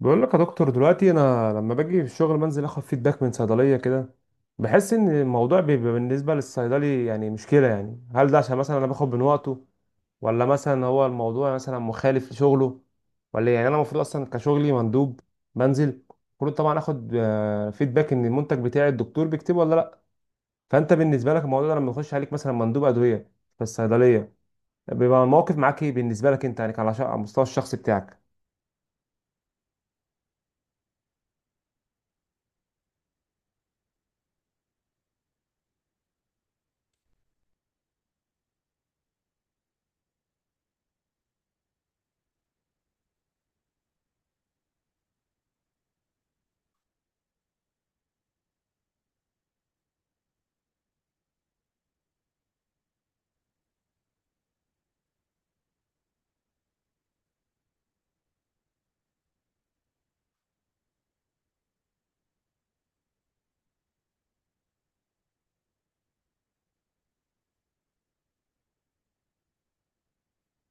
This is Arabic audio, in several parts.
بقول لك يا دكتور، دلوقتي انا لما باجي في الشغل بنزل اخد فيدباك من صيدليه كده. بحس ان الموضوع بيبقى بالنسبه للصيدلي يعني مشكله. يعني هل ده عشان مثلا انا باخد من وقته، ولا مثلا هو الموضوع مثلا مخالف لشغله، ولا إيه؟ يعني انا المفروض اصلا كشغلي مندوب بنزل، المفروض طبعا اخد فيدباك ان المنتج بتاعي الدكتور بيكتبه ولا لا. فانت بالنسبه لك الموضوع ده لما يخش عليك مثلا مندوب ادويه في الصيدليه، بيبقى الموقف معاك ايه؟ بالنسبه لك انت يعني، على المستوى الشخصي بتاعك.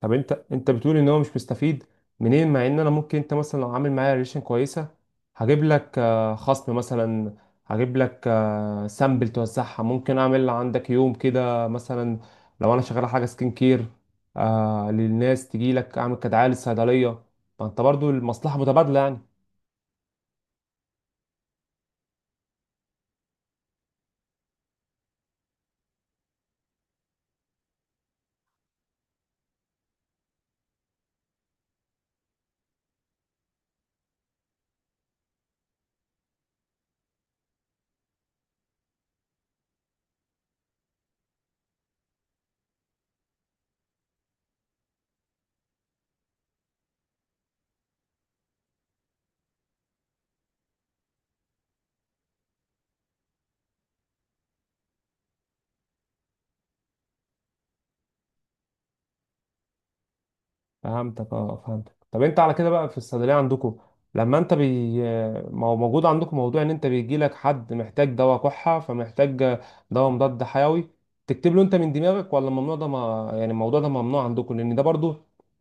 طب انت بتقول ان هو مش مستفيد منين، مع ان انا ممكن، انت مثلا لو عامل معايا ريليشن كويسه هجيب لك خصم مثلا، هجيب لك سامبل توزعها، ممكن اعمل عندك يوم كده مثلا لو انا شغال حاجه سكين كير، آه، للناس تجي لك، اعمل كدعايه للصيدليه. ما انت برضو المصلحه متبادله يعني. فهمتك، اه فهمتك. طب انت على كده بقى، في الصيدليه عندكم لما انت ما هو موجود عندكم موضوع ان انت بيجي لك حد محتاج دواء كحه، فمحتاج دواء مضاد حيوي، تكتب له انت من دماغك؟ ولا الممنوع ده، ما يعني الموضوع ده ممنوع عندكم؟ لان ده برضو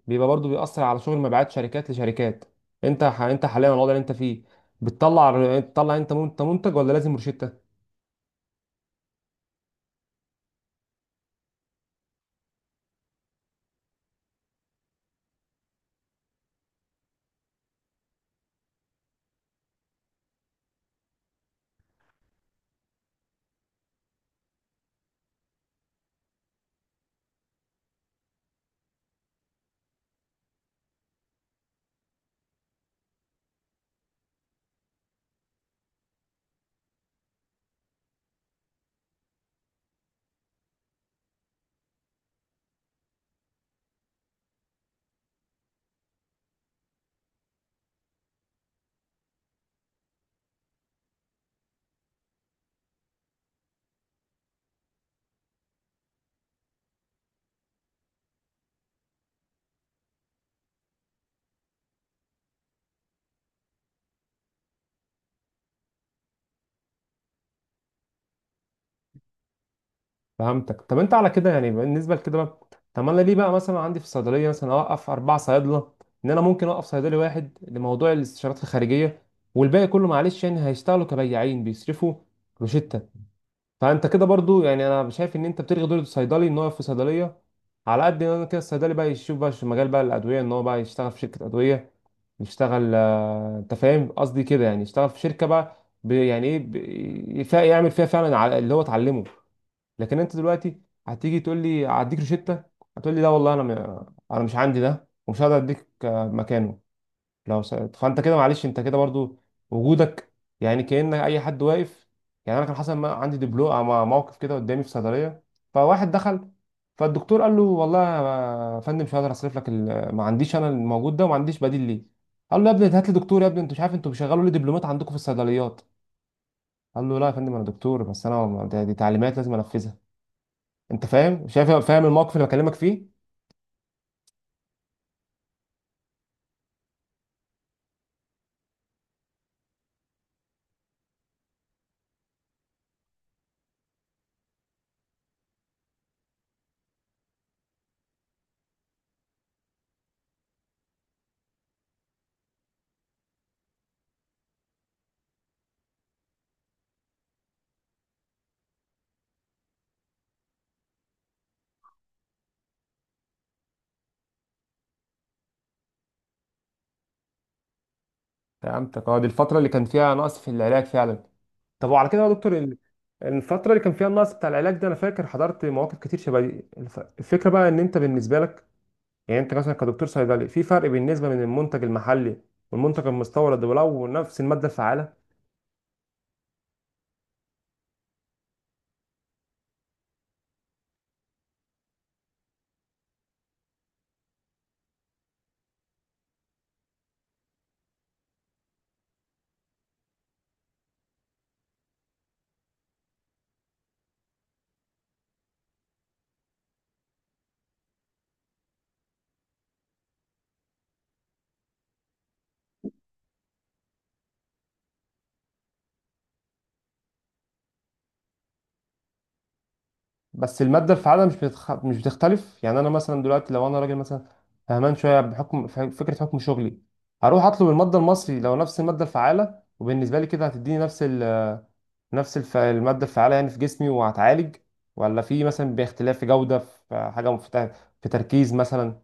بيبقى برضو بيأثر على شغل مبيعات شركات لشركات. انت حاليا الوضع اللي انت فيه، بتطلع انت منتج، ولا لازم روشته؟ فهمتك. طب انت على كده يعني، بالنسبه لكده بقى، طب انا ليه بقى مثلا عندي في الصيدليه مثلا اوقف اربع صيادله؟ ان انا ممكن اوقف صيدلي واحد لموضوع الاستشارات الخارجيه، والباقي كله معلش يعني هيشتغلوا كبياعين بيصرفوا روشتة. فانت كده برضو يعني انا شايف ان انت بتلغي دور الصيدلي ان هو يقف في صيدليه، على قد ان انا كده الصيدلي بقى يشوف بقى في مجال بقى الادويه، ان هو بقى يشتغل في شركه ادويه، يشتغل، انت فاهم قصدي كده، يعني يشتغل في شركه بقى، يعني ايه، يعمل فيها فعلا على اللي هو اتعلمه. لكن انت دلوقتي هتيجي تقول لي هديك روشته، هتقول لي لا والله، انا مش عندي ده ومش هقدر اديك مكانه. فانت كده معلش، انت كده برضو وجودك يعني كأن اي حد واقف. يعني انا كان حصل، ما عندي موقف كده قدامي في صيدليه، فواحد دخل، فالدكتور قال له: والله يا فندم مش هقدر اصرف لك ما عنديش انا الموجود ده، وما عنديش بديل ليه. قال له: يا ابني هات لي دكتور، يا ابني انتوا مش عارف انتوا بيشغلوا لي دبلومات عندكم في الصيدليات. قال له: لا يا فندم انا دكتور، بس انا دي تعليمات لازم انفذها. انت فاهم؟ شايف؟ فاهم الموقف اللي بكلمك فيه؟ فهمتك، اه. دي الفتره اللي كان فيها نقص في العلاج فعلا. طب وعلى كده يا دكتور، الفتره اللي كان فيها النقص بتاع العلاج ده، انا فاكر حضرت مواقف كتير شبه دي. الفكره بقى ان انت بالنسبه لك يعني، انت مثلا كدكتور صيدلي، في فرق بالنسبه من المنتج المحلي والمنتج المستورد ولو نفس الماده الفعاله؟ بس المادة الفعالة مش بتختلف يعني. أنا مثلا دلوقتي لو أنا راجل مثلا فهمان شوية، بحكم فكرة حكم شغلي، هروح أطلب المادة المصري لو نفس المادة الفعالة، وبالنسبة لي كده هتديني نفس نفس المادة الفعالة يعني في جسمي وهتعالج، ولا في مثلا باختلاف في جودة، في حاجة مفتاح، في تركيز مثلا؟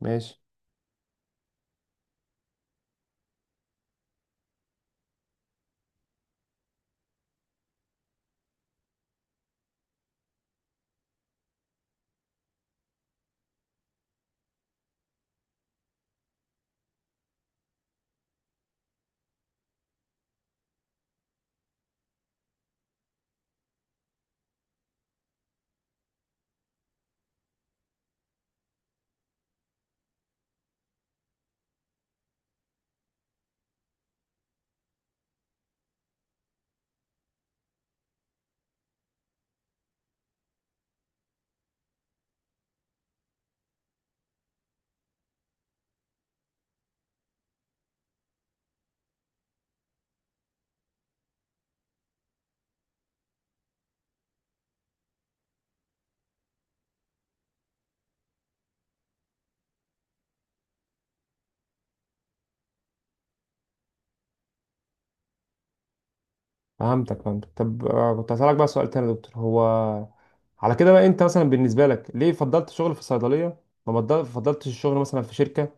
ماشي. فهمتك، فهمتك. طب كنت هسألك بقى سؤال تاني يا دكتور، هو على كده بقى انت مثلا بالنسبة لك ليه فضلت شغل في الصيدلية؟ ما فضلتش الشغل مثلا في شركة،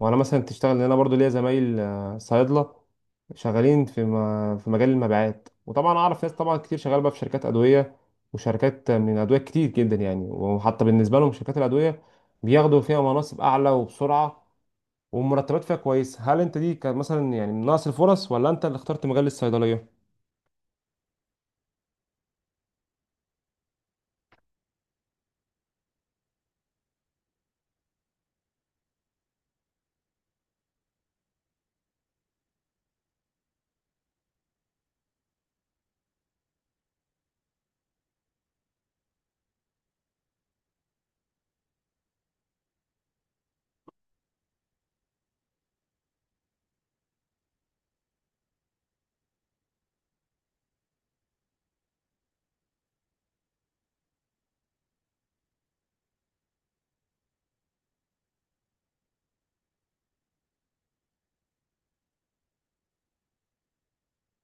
وانا مثلا تشتغل، لان انا برضو ليا زمايل صيادلة شغالين في في مجال المبيعات، وطبعا اعرف ناس طبعا كتير شغاله بقى في شركات ادوية، وشركات من ادوية كتير جدا يعني. وحتى بالنسبة لهم شركات الادوية بياخدوا فيها مناصب اعلى وبسرعة، والمرتبات فيها كويس. هل انت دي كان مثلا يعني من نقص الفرص، ولا انت اللي اخترت مجال الصيدلية؟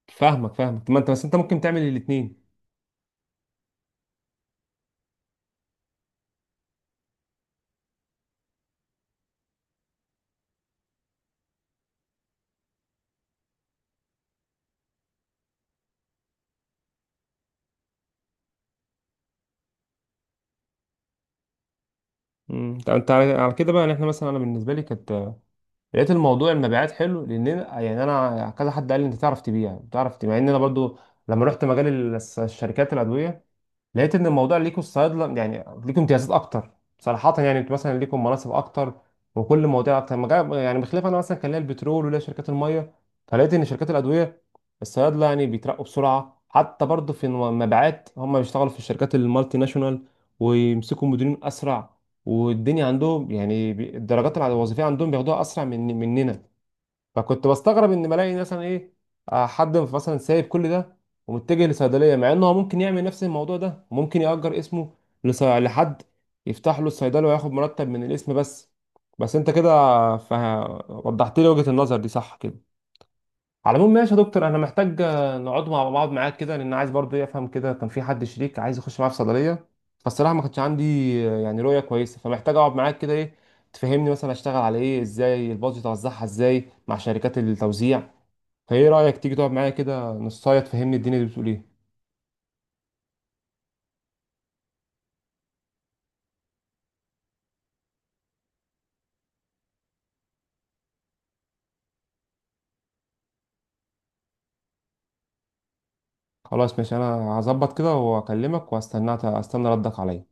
فاهمك، فاهمك. ما انت بس انت ممكن تعمل الاثنين. طب انت على كده بقى يعني، احنا مثلا انا بالنسبه لي كانت، لقيت الموضوع المبيعات حلو، لان يعني انا كذا حد قال لي انت تعرف تبيع، بتعرف تبيع. مع ان انا برضو لما رحت مجال الشركات الادويه، لقيت ان الموضوع ليكوا الصيادله يعني ليكوا امتيازات اكتر صراحه. يعني انتوا مثلا ليكوا مناصب اكتر، وكل مواضيع اكتر، يعني بخلاف انا مثلا كان ليا البترول وليا شركات الميه، فلقيت ان شركات الادويه الصيادله يعني بيترقوا بسرعه، حتى برضه في المبيعات هم بيشتغلوا في الشركات المالتي ناشونال، ويمسكوا مديرين اسرع، والدنيا عندهم يعني الدرجات الوظيفيه عندهم بياخدوها اسرع من مننا. فكنت بستغرب ان بلاقي مثلا ايه، حد مثلا سايب كل ده ومتجه لصيدليه، مع انه هو ممكن يعمل نفس الموضوع ده وممكن يأجر اسمه لحد يفتح له الصيدليه وياخد مرتب من الاسم بس. بس انت كده وضحت لي وجهة النظر دي، صح كده. على العموم ماشي يا دكتور، انا محتاج نقعد مع بعض معاك كده، لان عايز برضه إيه افهم كده. كان في حد شريك عايز يخش معايا في صيدليه، فالصراحه ما كانش عندي يعني رؤيه كويسه، فمحتاج اقعد معاك كده ايه، تفهمني مثلا اشتغل على ايه، ازاي البادجت اوزعها، ازاي مع شركات التوزيع. فايه رايك تيجي تقعد معايا كده نصايه تفهمني الدنيا دي بتقول ايه؟ خلاص ماشي، انا هظبط كده واكلمك واستنى، استنى ردك عليا.